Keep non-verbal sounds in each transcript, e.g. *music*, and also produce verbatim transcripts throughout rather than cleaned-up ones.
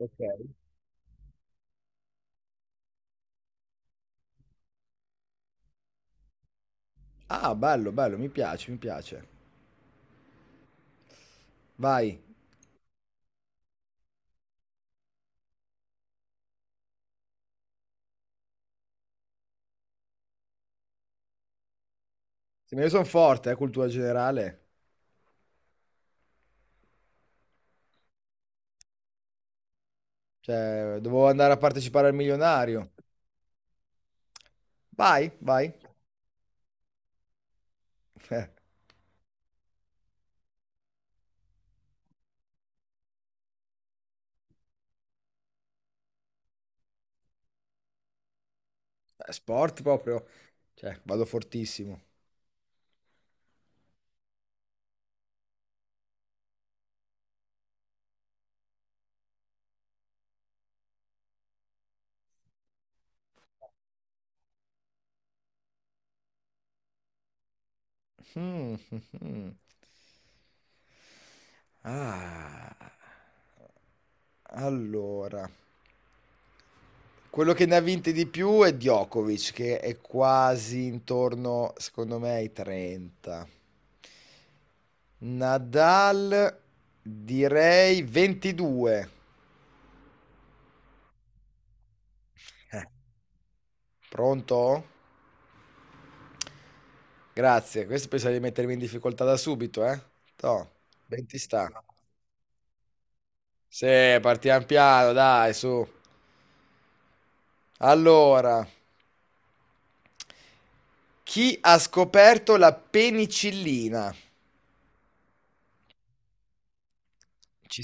Okay. Ah, bello, bello, mi piace, mi piace. Vai. Sì, ma io sono forte, eh, cultura generale. Cioè, dovevo andare a partecipare al milionario. Vai, vai. *laughs* Eh, sport proprio. Cioè, vado fortissimo. Mm, mm, mm. Ah, allora. Quello che ne ha vinte di più è Djokovic, che è quasi intorno, secondo me, ai trenta. Nadal, direi ventidue. Eh, Pronto? Grazie. Questo pensavo di mettermi in difficoltà da subito, eh? Toh, venti sta. Sì, partiamo piano, dai, su. Allora, chi ha scoperto la penicillina? Ci,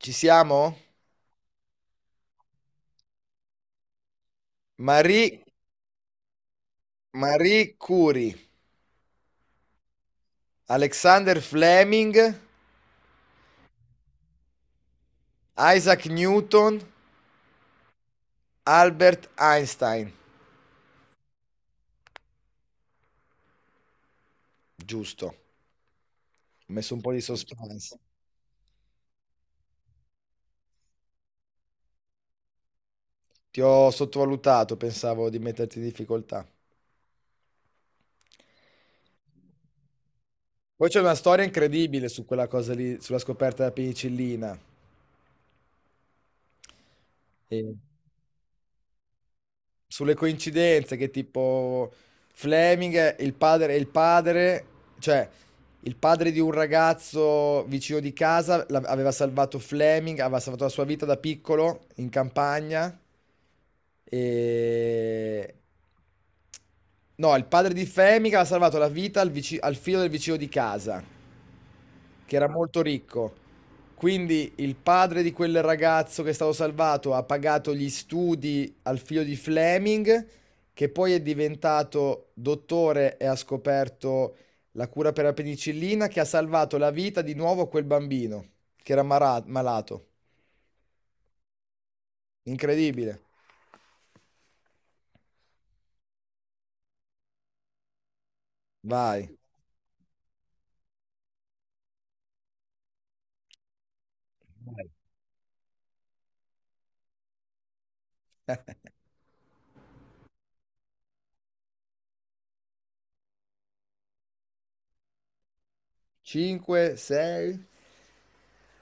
ci siamo? Marie Marie Curie, Alexander Fleming, Isaac Newton, Albert Einstein. Giusto, ho messo un po' di suspense. Ti ho sottovalutato, pensavo di metterti in difficoltà. Poi c'è una storia incredibile su quella cosa lì, sulla scoperta della penicillina. E- Sulle coincidenze che tipo Fleming è il padre, è il padre, cioè il padre di un ragazzo vicino di casa la- aveva salvato Fleming, aveva salvato la sua vita da piccolo in campagna e... No, il padre di Fleming aveva salvato la vita al, vici- al figlio del vicino di casa che era molto ricco. Quindi il padre di quel ragazzo che è stato salvato ha pagato gli studi al figlio di Fleming, che poi è diventato dottore e ha scoperto la cura per la penicillina, che ha salvato la vita di nuovo a quel bambino che era mara- malato. Incredibile. Vai. cinque, sei.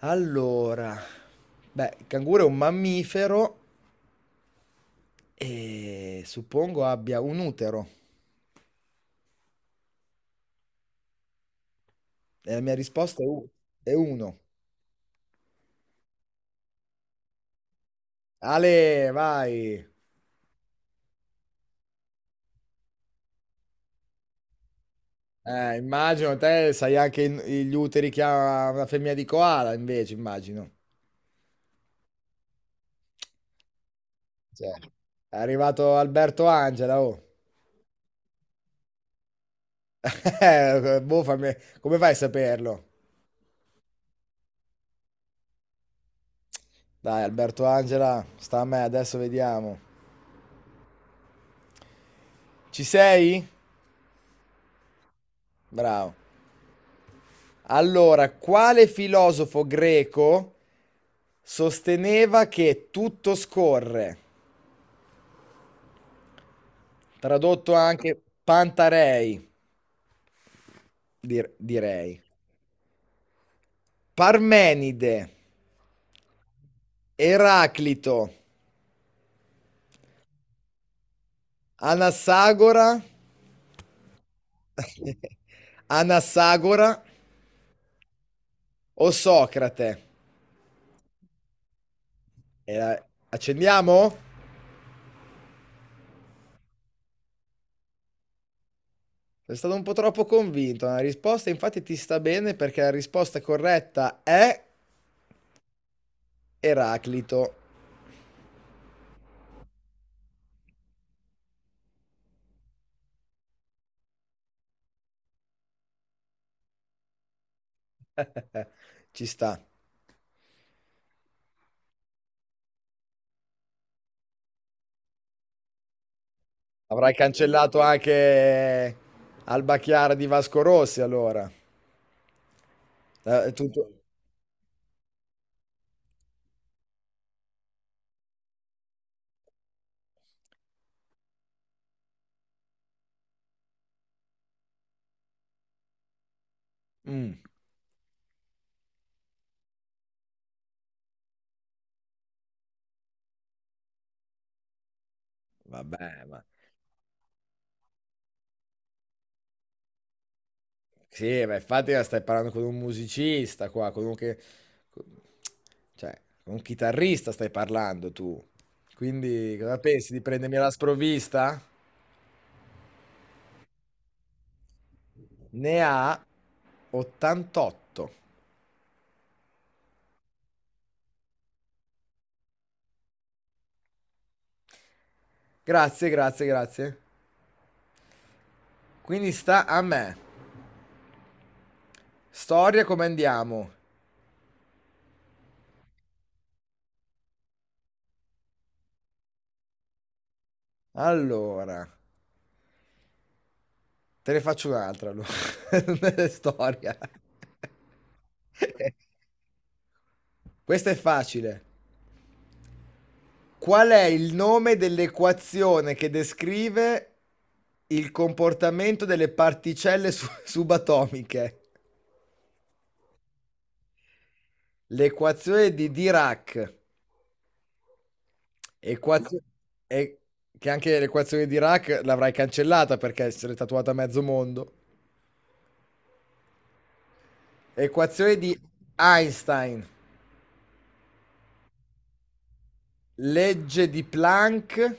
Allora, beh, il canguro è un mammifero e suppongo abbia un utero. E la mia risposta è, u- è uno. Ale, vai. Eh, immagino te sai anche i- gli uteri che ha una femmina di koala, invece, immagino. Cioè, è arrivato Alberto Angela, oh. *laughs* Eh, boh, fammi- come fai a saperlo? Dai, Alberto Angela, sta a me, adesso vediamo. Ci sei? Bravo. Allora, quale filosofo greco sosteneva che tutto scorre? Tradotto anche Pantarei. dir- direi. Parmenide, Eraclito, Anassagora, *laughs* Anassagora o Socrate? E la- accendiamo? Sei stato un po' troppo convinto nella risposta, infatti ti sta bene perché la risposta corretta è Eraclito. Ci sta. Avrai cancellato anche Alba Chiara di Vasco Rossi allora. Eh, tutto- Mm, vabbè, vabbè. Sì, ma infatti la stai parlando con un musicista qua, con un che... cioè, con un chitarrista stai parlando tu. Quindi cosa pensi di prendermi alla sprovvista? Ne ha ottantotto. Grazie, grazie, grazie. Quindi sta a me. Storia come andiamo? Allora, te ne faccio un'altra allora. *laughs* Nelle storia. *laughs* Questa è facile. Qual è il nome dell'equazione che descrive il comportamento delle particelle su- *laughs* subatomiche? L'equazione di Dirac. Equazio- e- che anche l'equazione di Dirac l'avrai cancellata perché se l'è tatuata a mezzo mondo. Equazione di Einstein. Legge di Planck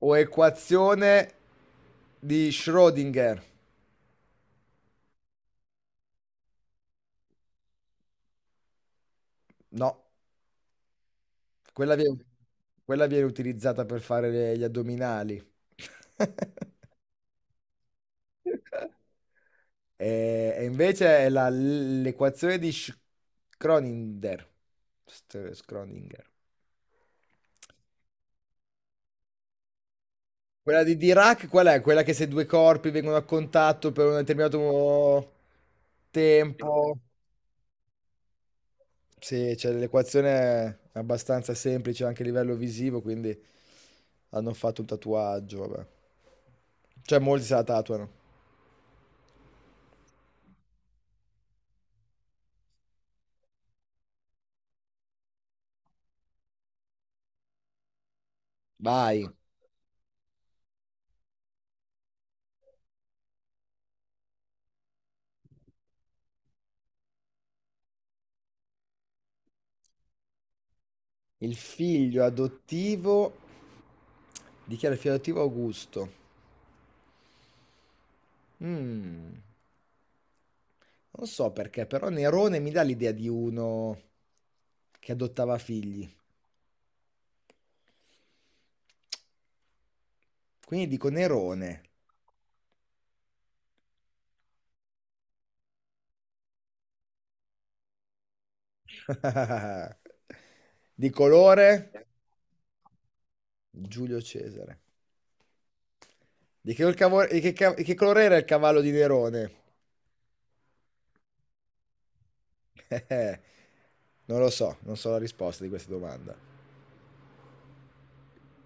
o equazione di Schrödinger? No. Quella viene, quella viene utilizzata per fare le- gli addominali. *laughs* E, e invece è la- l'equazione di Sch- Schrödinger. St- Schrödinger. Quella di Dirac, qual è? Quella che se due corpi vengono a contatto per un determinato tempo. Sì, cioè, l'equazione è abbastanza semplice anche a livello visivo, quindi hanno fatto un tatuaggio, vabbè. Cioè molti se la tatuano. Vai. Il figlio adottivo dichiara il figlio adottivo Augusto. Mm, non so perché, però Nerone mi dà l'idea di uno che adottava figli. Quindi dico Nerone. *laughs* Di colore Giulio Cesare. Di che, cavo- di che ca- di che colore era il cavallo di Nerone? *laughs* Non lo so, non so la risposta di questa domanda.